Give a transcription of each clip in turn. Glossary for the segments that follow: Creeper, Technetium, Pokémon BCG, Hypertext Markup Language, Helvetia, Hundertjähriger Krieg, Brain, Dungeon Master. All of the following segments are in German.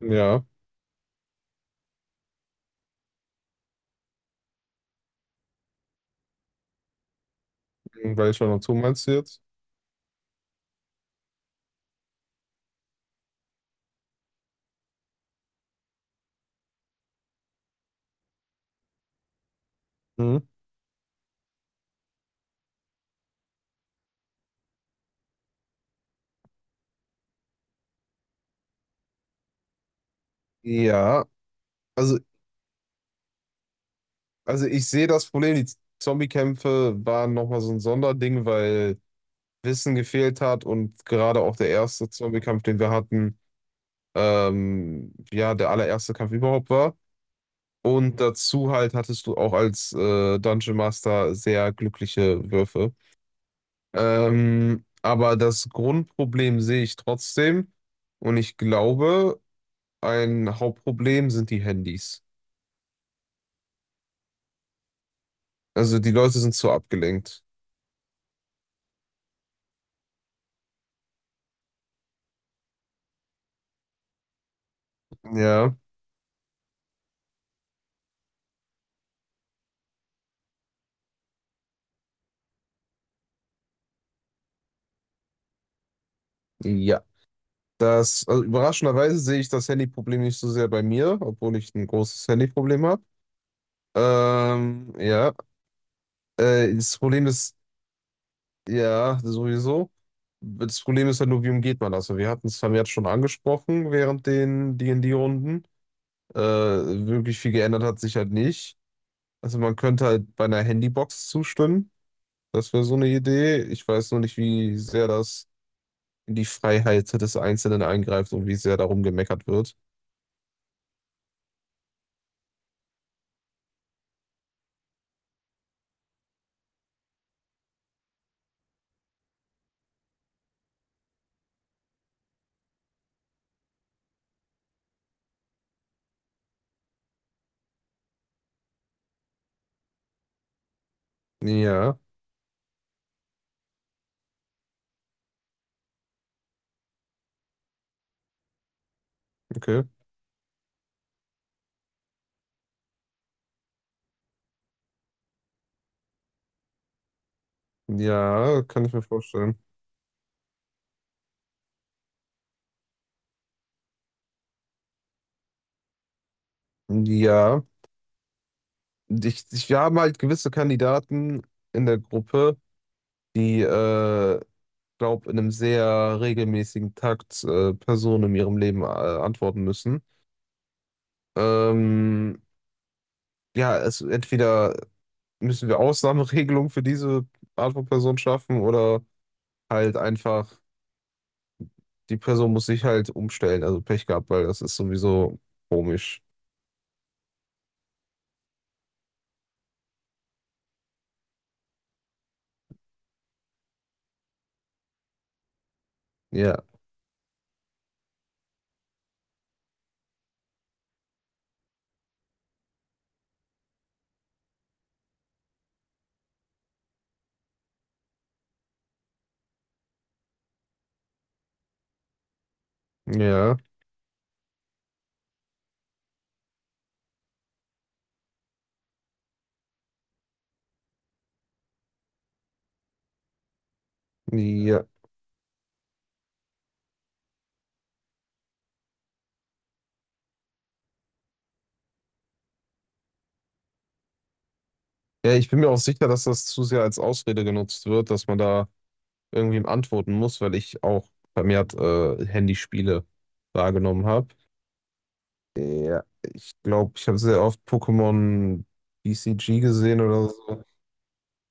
Ja, weil ich schon dazu meinst du jetzt? Mhm. Ja, also, also ich sehe das Problem, die Zombie-Kämpfe waren nochmal so ein Sonderding, weil Wissen gefehlt hat und gerade auch der erste Zombie-Kampf, den wir hatten, ja, der allererste Kampf überhaupt war. Und dazu halt hattest du auch als Dungeon Master sehr glückliche Würfe. Aber das Grundproblem sehe ich trotzdem, und ich glaube, ein Hauptproblem sind die Handys. Also die Leute sind zu abgelenkt. Ja. Ja. Also überraschenderweise sehe ich das Handyproblem nicht so sehr bei mir, obwohl ich ein großes Handyproblem habe. Ja. Das Problem ist, ja, sowieso. Das Problem ist halt nur, wie umgeht man das? Also, wir hatten es vermehrt schon angesprochen während den D&D-Runden. Wirklich viel geändert hat sich halt nicht. Also man könnte halt bei einer Handybox zustimmen. Das wäre so eine Idee. Ich weiß nur nicht, wie sehr das in die Freiheit des Einzelnen eingreift und wie sehr darum gemeckert wird. Ja, okay. Ja, kann ich mir vorstellen. Ja, wir haben halt gewisse Kandidaten in der Gruppe, die, glaube in einem sehr regelmäßigen Takt Personen in ihrem Leben antworten müssen. Ähm, ja, entweder müssen wir Ausnahmeregelungen für diese Art von Person schaffen oder halt einfach die Person muss sich halt umstellen, also Pech gehabt, weil das ist sowieso komisch. Ja, ja, ja. Ja, ich bin mir auch sicher, dass das zu sehr als Ausrede genutzt wird, dass man da irgendwem antworten muss, weil ich auch vermehrt Handyspiele wahrgenommen habe. Ja, ich glaube, ich habe sehr oft Pokémon BCG gesehen oder so.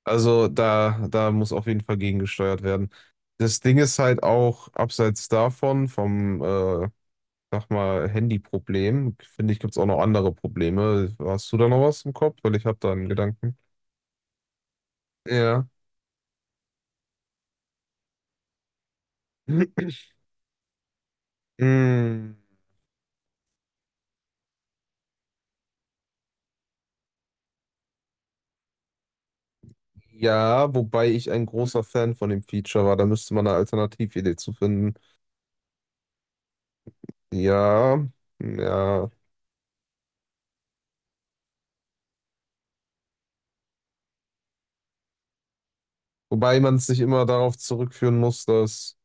Also da muss auf jeden Fall gegengesteuert werden. Das Ding ist halt auch, abseits davon, vom sag mal, Handyproblem. Finde ich, gibt es auch noch andere Probleme. Hast du da noch was im Kopf? Weil ich habe da einen Gedanken. Ja. Mm, ja, wobei ich ein großer Fan von dem Feature war. Da müsste man eine Alternatividee zu finden. Ja, ja. Wobei man es nicht immer darauf zurückführen muss, dass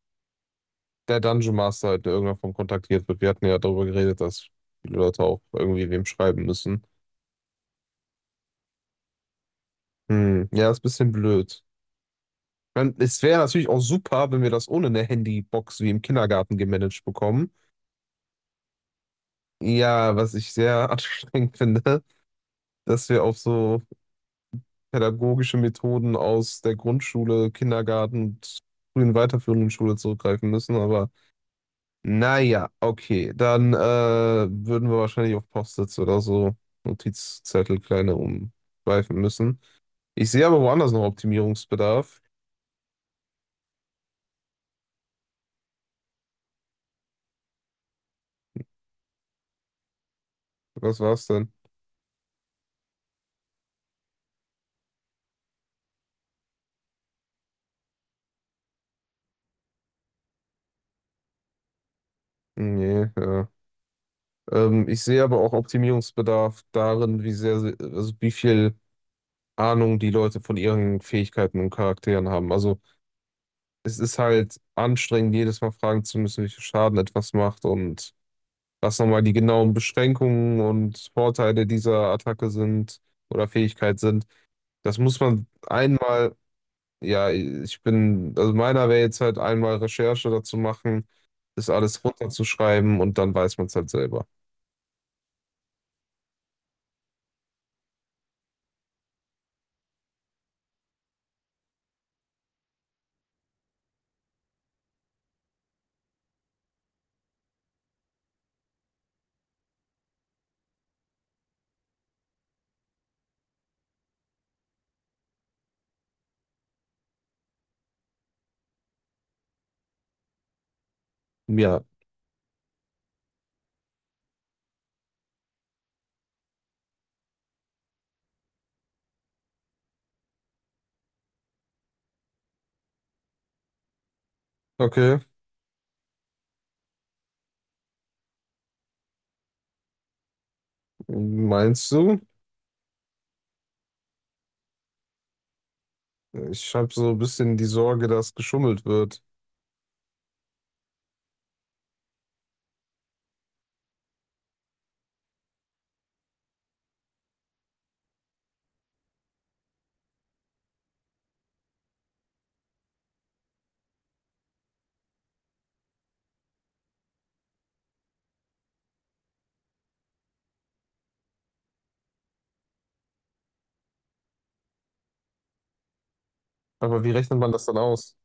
der Dungeon Master halt in irgendeiner Form kontaktiert wird. Wir hatten ja darüber geredet, dass viele Leute auch irgendwie wem schreiben müssen. Hm, ja, ist ein bisschen blöd. Es wäre natürlich auch super, wenn wir das ohne eine Handybox wie im Kindergarten gemanagt bekommen. Ja, was ich sehr anstrengend finde, dass wir auf so pädagogische Methoden aus der Grundschule, Kindergarten und frühen weiterführenden Schule zurückgreifen müssen. Aber naja, okay, dann würden wir wahrscheinlich auf Post-its oder so Notizzettel kleine umschweifen müssen. Ich sehe aber woanders noch Optimierungsbedarf. Was war's denn? Nee, ja. Ich sehe aber auch Optimierungsbedarf darin, also wie viel Ahnung die Leute von ihren Fähigkeiten und Charakteren haben. Also es ist halt anstrengend, jedes Mal fragen zu müssen, welchen Schaden etwas macht und was nochmal die genauen Beschränkungen und Vorteile dieser Attacke sind oder Fähigkeit sind. Das muss man einmal, ja, also meiner wäre jetzt halt einmal Recherche dazu machen, das alles runterzuschreiben und dann weiß man es halt selber. Ja, okay, meinst du? Ich habe so ein bisschen die Sorge, dass geschummelt wird. Aber wie rechnet man das dann aus?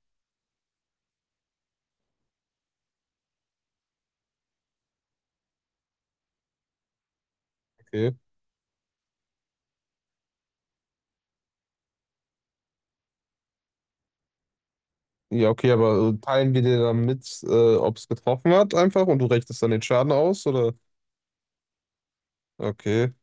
Okay. Ja, okay, aber teilen wir dir dann mit, ob es getroffen hat einfach und du rechnest dann den Schaden aus oder? Okay,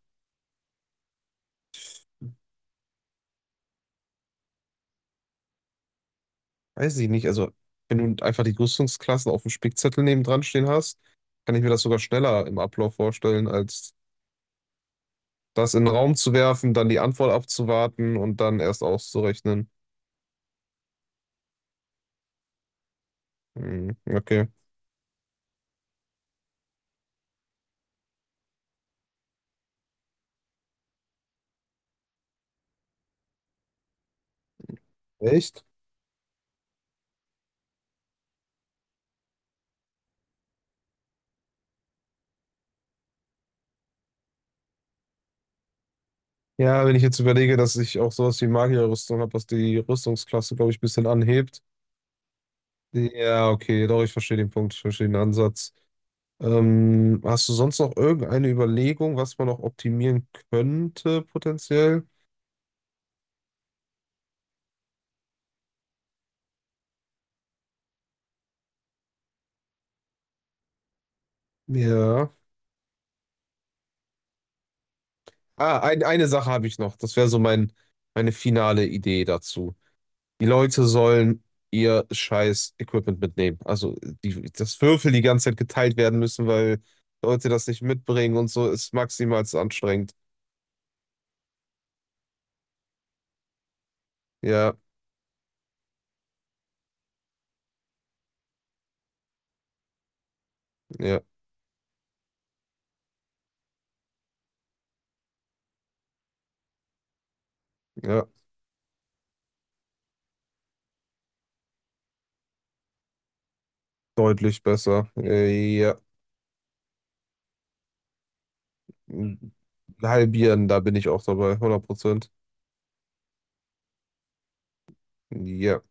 weiß ich nicht. Also, wenn du einfach die Rüstungsklassen auf dem Spickzettel nebendran stehen hast, kann ich mir das sogar schneller im Ablauf vorstellen, als das in den Raum zu werfen, dann die Antwort abzuwarten und dann erst auszurechnen. Hm, okay. Echt? Ja, wenn ich jetzt überlege, dass ich auch sowas wie Magierrüstung habe, was die Rüstungsklasse, glaube ich, ein bisschen anhebt. Ja, okay, doch, ich verstehe den Punkt, ich verstehe den Ansatz. Hast du sonst noch irgendeine Überlegung, was man noch optimieren könnte, potenziell? Ja. Ah, eine Sache habe ich noch. Das wäre so meine finale Idee dazu. Die Leute sollen ihr scheiß Equipment mitnehmen. Also das Würfel die ganze Zeit geteilt werden müssen, weil Leute das nicht mitbringen und so ist maximal anstrengend. Ja. Ja, ja, deutlich besser. Ja, halbieren, da bin ich auch dabei, 100%. Ja.